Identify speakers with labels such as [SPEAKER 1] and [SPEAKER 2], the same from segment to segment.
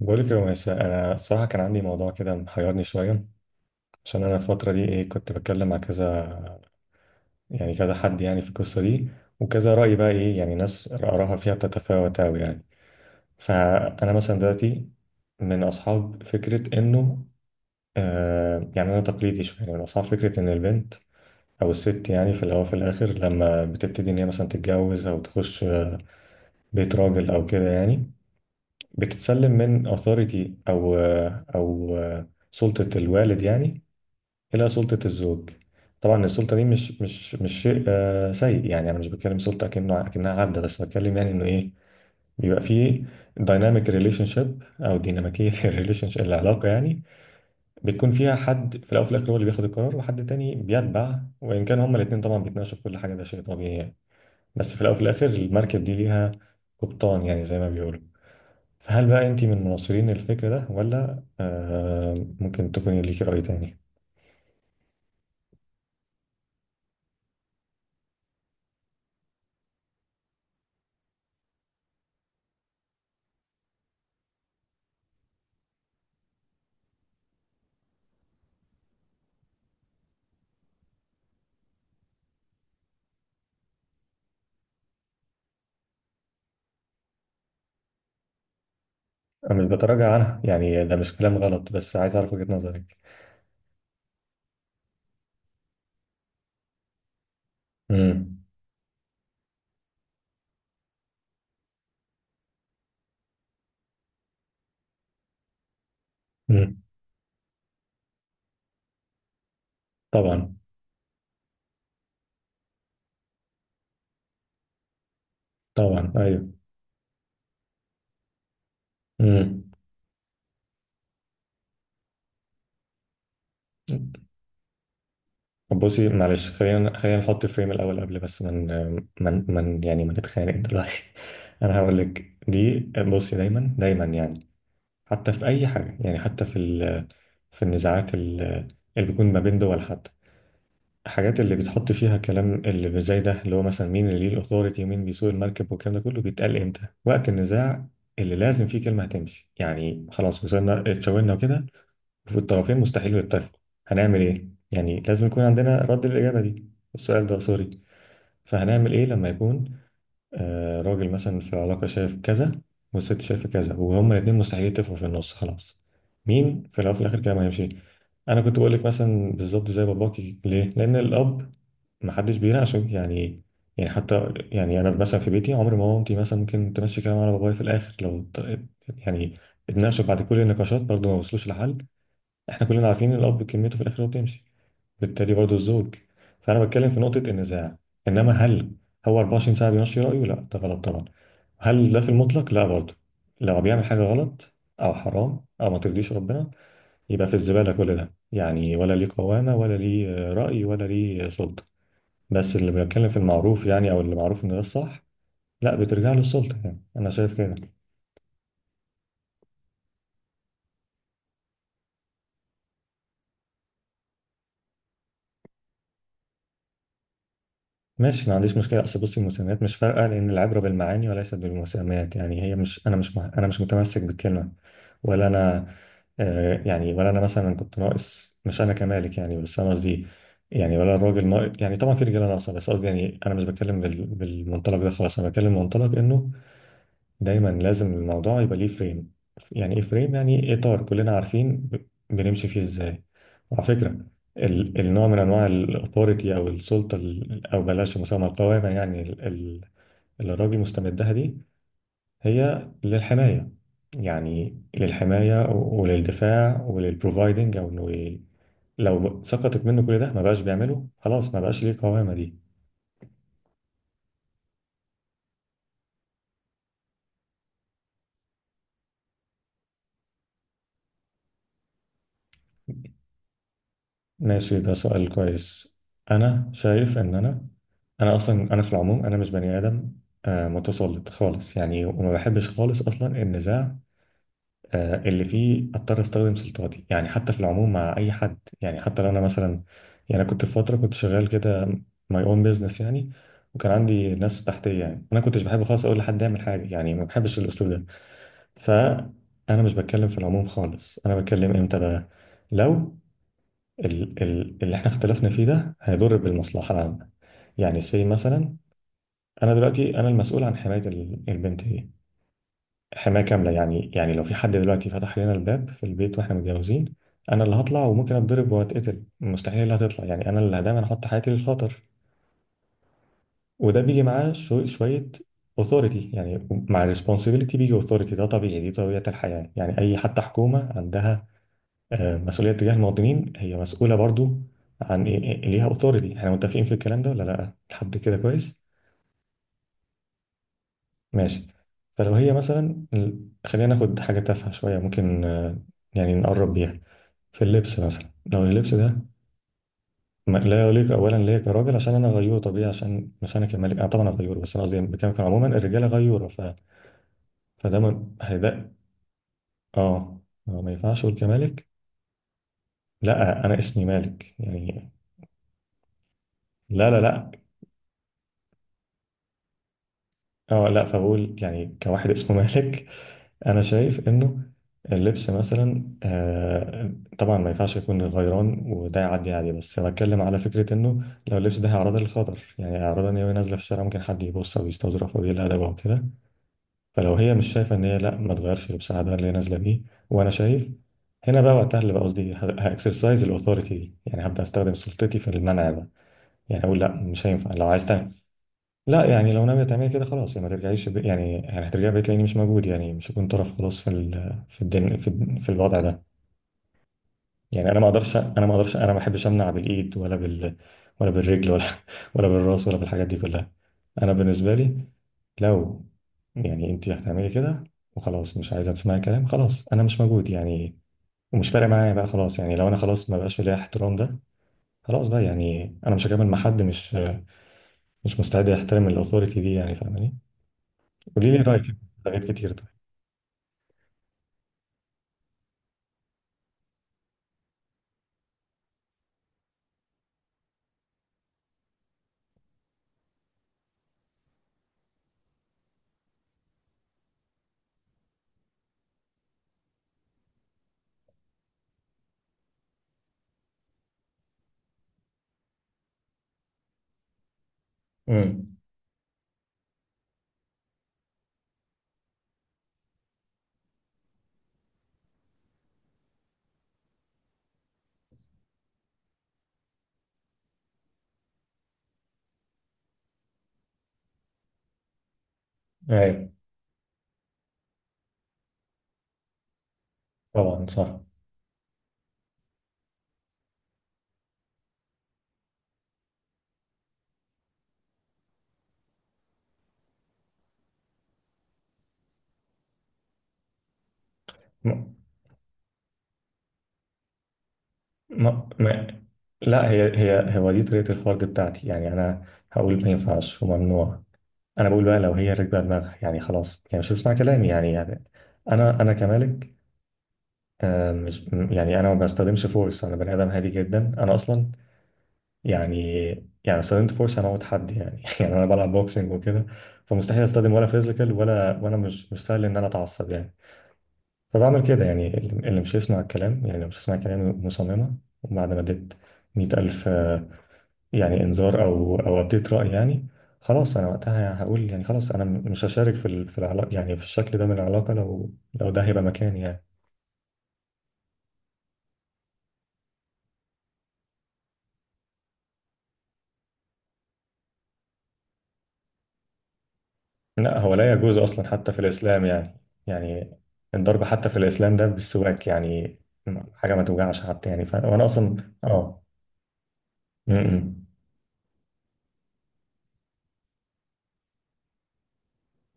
[SPEAKER 1] بقولك يا مس، انا الصراحه كان عندي موضوع كده محيرني شويه. عشان انا الفتره دي ايه كنت بتكلم مع كذا، يعني كذا حد يعني في القصه دي، وكذا راي بقى ايه يعني ناس اراها فيها بتتفاوت قوي يعني. فانا مثلا دلوقتي من اصحاب فكره انه، آه يعني انا تقليدي شويه، يعني من اصحاب فكره ان البنت او الست يعني في الاول في الاخر لما بتبتدي ان هي مثلا تتجوز او تخش بيت راجل او كده يعني بتتسلم من authority او سلطة الوالد، يعني إلى سلطة الزوج. طبعا السلطة دي مش شيء سيء يعني، أنا مش بتكلم سلطة أكنه أكنها عبدة، بس بتكلم يعني إنه إيه بيبقى فيه دايناميك ريليشن شيب أو ديناميكية الريليشن شيب، العلاقة يعني بتكون فيها حد في الأول وفي الآخر هو اللي بياخد القرار وحد تاني بيتبع، وإن كان هما الاتنين طبعا بيتناقشوا في كل حاجة، ده شيء طبيعي يعني. بس في الأول وفي الآخر المركب دي ليها قبطان، يعني زي ما بيقولوا. فهل بقى أنت من مناصرين الفكر ده، ولا آه ممكن تكوني ليكي رأي تاني؟ أنا مش بتراجع عنها، يعني ده مش كلام غلط، بس عايز أعرف وجهة نظرك. امم. امم. طبعا. طبعا أيوه. امم. طب بصي معلش، خلينا نحط فريم الأول قبل، بس من يعني ما نتخانق دلوقتي. أنا هقول لك دي، بصي دايما يعني حتى في أي حاجة، يعني حتى في في النزاعات اللي بيكون ما بين دول، حتى الحاجات اللي بتحط فيها كلام اللي زي ده، اللي هو مثلا مين اللي ليه الاوثوريتي ومين بيسوق المركب والكلام ده كله، بيتقال امتى؟ وقت النزاع اللي لازم فيه كلمه هتمشي، يعني خلاص وصلنا اتشاورنا وكده وفي الطرفين مستحيل يتفقوا، هنعمل ايه؟ يعني لازم يكون عندنا رد الاجابه دي، السؤال ده سوري. فهنعمل ايه لما يكون راجل مثلا في علاقة شايف كذا والست شايفة كذا وهما الاتنين مستحيل يتفقوا في النص خلاص، مين في الأول وفي الآخر؟ كده ما هيمشي. أنا كنت بقول لك مثلا بالظبط زي باباكي، ليه؟ لأن الأب محدش بيناقشه يعني. يعني حتى يعني أنا مثلا في بيتي عمري ما مامتي مثلا ممكن تمشي كلام على بابايا، في الآخر لو يعني اتناقشوا بعد كل النقاشات برضه ما وصلوش لحل، احنا كلنا عارفين الأب كلمته في الآخر هو بتمشي، بالتالي برضه الزوج. فانا بتكلم في نقطه النزاع، انما هل هو 24 ساعه بيمشي رايه؟ لا ده غلط طبعا. هل ده في المطلق؟ لا برضه، لو بيعمل حاجه غلط او حرام او ما ترضيش ربنا يبقى في الزباله كل ده، يعني ولا ليه قوامه ولا ليه راي ولا ليه سلطه. بس اللي بيتكلم في المعروف يعني، او اللي معروف ان ده الصح، لا بترجع له السلطه يعني، انا شايف كده. ماشي، ما عنديش مشكلة، أصل بصي المسميات مش فارقة، لأن العبرة بالمعاني وليست بالمسميات. يعني هي مش، أنا مش أنا مش متمسك بالكلمة ولا أنا، آه يعني ولا أنا مثلا كنت ناقص، مش أنا كمالك يعني، بس أنا قصدي يعني ولا الراجل ناقص يعني، طبعا في رجالة ناقصة، بس قصدي يعني أنا مش بتكلم بالمنطلق ده خالص، أنا بتكلم منطلق إنه دايما لازم الموضوع يبقى ليه فريم. يعني ايه فريم؟ يعني إيه اطار كلنا عارفين بنمشي فيه ازاي. وعلى فكره النوع من انواع الاثوريتي او السلطه او بلاش مسمى القوامه يعني اللي الراجل مستمدها دي هي للحمايه، يعني للحمايه وللدفاع وللبروفايدنج او انه لو سقطت منه كل ده ما بقاش بيعمله خلاص، ما بقاش ليه قوامه دي. ماشي، ده سؤال كويس. انا شايف ان انا اصلا انا في العموم انا مش بني ادم متسلط خالص يعني، وما بحبش خالص اصلا النزاع اللي فيه اضطر استخدم سلطاتي، يعني حتى في العموم مع اي حد، يعني حتى لو انا مثلا يعني أنا كنت في فتره كنت شغال كده ماي اون بيزنس يعني، وكان عندي ناس تحتيه، يعني انا كنتش بحب خالص اقول لحد يعمل حاجه، يعني ما بحبش الاسلوب ده. فانا مش بتكلم في العموم خالص، انا بتكلم امتى بقى؟ لو اللي احنا اختلفنا فيه ده هيضر بالمصلحة العامة، يعني سي مثلا، انا دلوقتي انا المسؤول عن حماية البنت دي حماية كاملة، يعني يعني لو في حد دلوقتي فتح لنا الباب في البيت واحنا متجوزين، انا اللي هطلع وممكن اتضرب واتقتل، مستحيل اللي هتطلع يعني، انا اللي دايما احط حياتي للخطر. وده بيجي معاه شوية authority، يعني مع responsibility بيجي authority، ده طبيعي، دي طبيعة الحياة يعني. اي حتى حكومة عندها مسؤولية تجاه المواطنين، هي مسؤولة برضو عن إيه ليها أوثوريتي، احنا متفقين في الكلام ده ولا لأ؟ لحد كده كويس؟ ماشي. فلو هي مثلا خلينا ناخد حاجة تافهة شوية ممكن يعني نقرب بيها، في اللبس مثلا، لو اللبس ده لا يليق أولا ليا كراجل عشان أنا غيور طبيعي، عشان مش أنا كمالك أنا طبعا غيور، بس أنا قصدي بكلمك عموما الرجالة غيورة، ف... فده هيدا. آه. ما ينفعش أقول كمالك، لا أنا اسمي مالك يعني. لا، اه لا فبقول يعني كواحد اسمه مالك. انا شايف انه اللبس مثلا آه، طبعا ما ينفعش يكون غيران وده يعدي عادي، بس بتكلم على فكره انه لو اللبس ده هيعرضها للخطر، يعني هيعرضها ان هي وهي نازله في الشارع ممكن حد يبص او يستظرف او يقل ادبها وكده، فلو هي مش شايفه ان هي لا، ما تغيرش لبسها ده اللي هي نازله بيه، وانا شايف هنا بقى وقتها اللي بقى قصدي هاكسرسايز الاوثوريتي دي، يعني هبدا استخدم سلطتي في المنع ده، يعني اقول لا مش هينفع لو عايز تعمل، لا يعني لو ناوية تعملي كده خلاص يعني ما ترجعيش ب... يعني يعني هترجعي بقيت لاني مش موجود، يعني مش هكون طرف خلاص في ال... في الدن... في، في الوضع ده. يعني انا ما اقدرش، انا ما بحبش امنع بالايد ولا بال، ولا بالرجل ولا ولا بالراس ولا بالحاجات دي كلها. انا بالنسبة لي لو يعني انت هتعملي كده وخلاص مش عايزه تسمعي كلام، خلاص انا مش موجود يعني، ومش فارق معايا بقى خلاص، يعني لو انا خلاص ما بقاش في ليا احترام ده، خلاص بقى يعني انا مش هكمل مع حد مش مستعد يحترم الاوثوريتي دي، يعني فاهماني؟ قولي لي رايك في حاجات كتير. طيب. امم. ايوه. طبعا صح. ما ما لا، هي هي هو دي طريقه الفرد بتاعتي يعني، انا هقول ما ينفعش وممنوع، انا بقول بقى لو هي راكبه دماغها يعني خلاص، يعني مش هتسمع كلامي، يعني انا انا كمالك، آه مش يعني انا ما بستخدمش فورس، انا بني ادم هادي جدا انا اصلا يعني، يعني استخدمت فورس انا موت حد يعني يعني انا بلعب بوكسنج وكده فمستحيل استخدم ولا فيزيكال ولا، وانا مش سهل ان انا اتعصب يعني. فبعمل كده يعني اللي مش يسمع الكلام، يعني لو مش يسمع كلامي مصممة، وبعد ما اديت مية ألف يعني إنذار أو أديت رأي يعني، خلاص أنا وقتها هقول يعني خلاص أنا مش هشارك في في العلاقة يعني، في الشكل ده من العلاقة، لو ده هيبقى مكاني يعني. لا هو لا يجوز أصلا حتى في الإسلام يعني. يعني الضرب حتى في الإسلام ده بالسواك يعني، حاجة ما توجعش حتى يعني، ف... وأنا أصلا آه. م-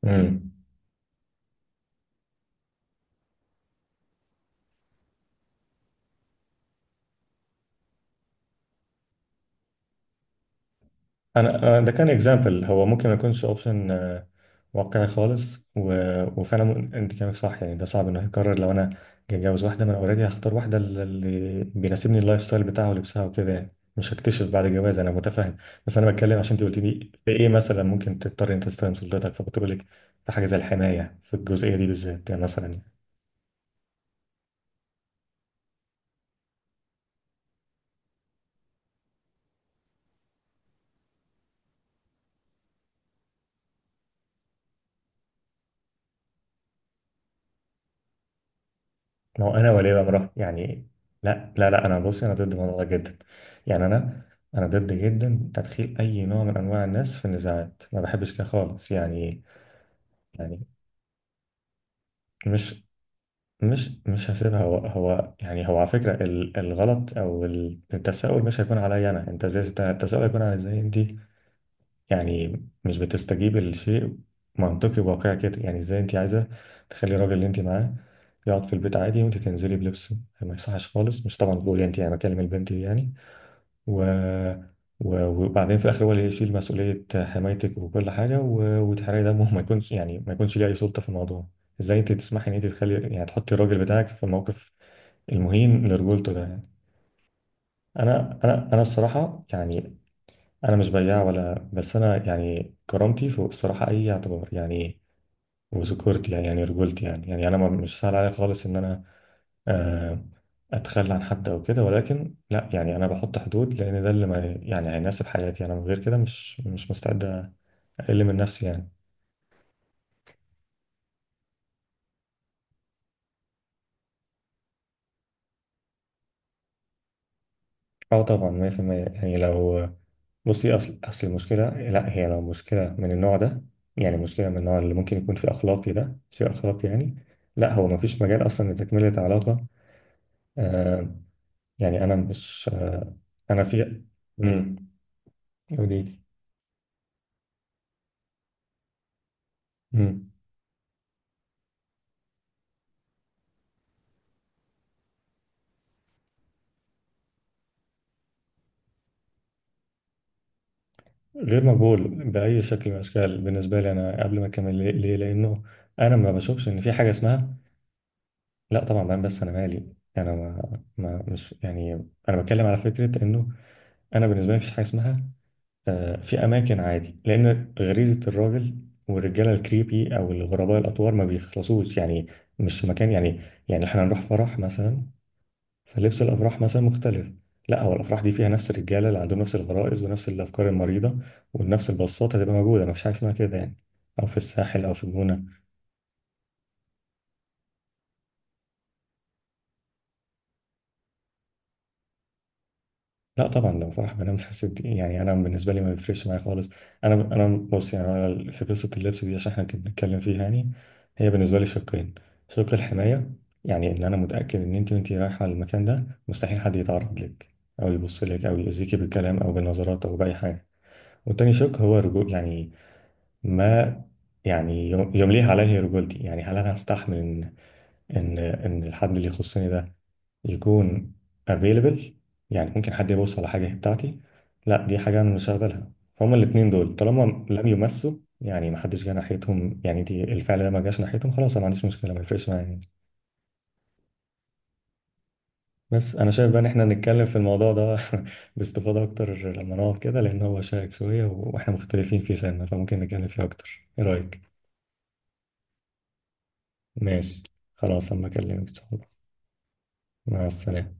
[SPEAKER 1] م- م. انا ده كان اكزامبل، هو ممكن ما يكونش اوبشن واقعي خالص، و... وفعلا انت كلامك صح يعني، ده صعب انه يتكرر لو انا جاي اتجوز واحده، ما انا اوريدي هختار واحده اللي بيناسبني اللايف ستايل بتاعها ولبسها وكده، يعني مش هكتشف بعد الجواز، انا متفاهم. بس انا بتكلم عشان انت قلت لي في ايه مثلا ممكن تضطر انت تستخدم سلطتك، فكنت بقول لك في حاجه زي الحمايه في الجزئيه دي بالذات يعني مثلا. ما هو انا وليه بقى مراه يعني، لا، انا بصي انا ضد الموضوع ده جدا يعني، انا ضد جدا تدخيل اي نوع من انواع الناس في النزاعات، ما بحبش كده خالص يعني. يعني مش مش هسيبها، هو هو يعني هو على فكره الغلط او التساؤل مش هيكون عليا انا، انت ازاي، التساؤل هيكون على ازاي انت يعني مش بتستجيب لشيء منطقي وواقعي كده، يعني ازاي انت عايزه تخلي الراجل اللي انت معاه يقعد في البيت عادي وانت تنزلي بلبس ما يصحش خالص، مش طبعا بقول انت، يعني بكلم البنت دي يعني، و... و... وبعدين في الاخر هو اللي يشيل مسؤوليه حمايتك وكل حاجه و... وتحرقي دمه، ما يكونش يعني ما يكونش ليه اي سلطه في الموضوع؟ ازاي انت تسمحي ان انت تخلي يعني تحطي الراجل بتاعك في الموقف المهين لرجولته ده يعني؟ انا الصراحه يعني، انا مش بياع ولا، بس انا يعني كرامتي فوق الصراحه اي اعتبار يعني، وذكورتي يعني يعني رجولتي يعني، يعني انا مش سهل عليا خالص ان انا آه، اتخلى عن حد او كده، ولكن لا يعني، انا بحط حدود لان ده اللي ما يعني هيناسب حياتي انا، من غير كده مش مستعد اقل من نفسي يعني. اه طبعا 100% يعني، لو بصي اصل المشكله، لا هي لو مشكله من النوع ده، يعني مشكله من النوع اللي ممكن يكون في اخلاقي، ده شيء اخلاقي يعني، لا هو ما فيش مجال اصلا لتكمله علاقه، آه، يعني انا مش انا في. امم. قولي لي. امم. غير مقبول باي شكل من الاشكال بالنسبه لي، انا قبل ما اكمل ليه؟ ليه؟ لانه انا ما بشوفش ان في حاجه اسمها، لا طبعا بقى، بس انا مالي انا ما, ما مش يعني، انا بتكلم على فكره انه انا بالنسبه لي مفيش حاجه اسمها في اماكن عادي، لان غريزه الراجل والرجاله الكريبي او الغرباء الاطوار ما بيخلصوش يعني، مش مكان يعني. يعني احنا هنروح فرح مثلا فلبس الافراح مثلا مختلف، لا هو الافراح دي فيها نفس الرجاله اللي عندهم نفس الغرائز ونفس الافكار المريضه ونفس البساطه هتبقى موجوده، مفيش حاجه اسمها كده يعني، او في الساحل او في الجونه. لا طبعا لو فرح بنام بس دي، يعني انا بالنسبه لي ما بيفرقش معايا خالص. انا بص يعني، أنا في قصه اللبس دي عشان احنا كنا بنتكلم فيها يعني، هي بالنسبه لي شقين: شق الحمايه، يعني ان انا متاكد ان انت وانت رايحه المكان ده مستحيل حد يتعرض لك او يبص لك او يأذيكي بالكلام او بالنظرات او باي حاجه، والتاني شق هو رجوع يعني، ما يعني يمليه عليه رجولتي، يعني هل انا هستحمل ان ان الحد اللي يخصني ده يكون available، يعني ممكن حد يبص على حاجه هي بتاعتي، لا دي حاجه انا مش هقبلها. فهم الاثنين دول طالما لم يمسوا، يعني ما حدش جه ناحيتهم، يعني دي الفعل ده ما جاش ناحيتهم خلاص، انا ما عنديش مشكله، ما يفرقش معايا يعني. بس انا شايف بقى ان احنا نتكلم في الموضوع ده باستفاضه اكتر لما نقعد كده، لان هو شائك شويه واحنا مختلفين في سنه، فممكن نتكلم فيه اكتر، ايه رايك؟ ماشي. خلاص أما أكلمك إن شاء الله. مع السلامة.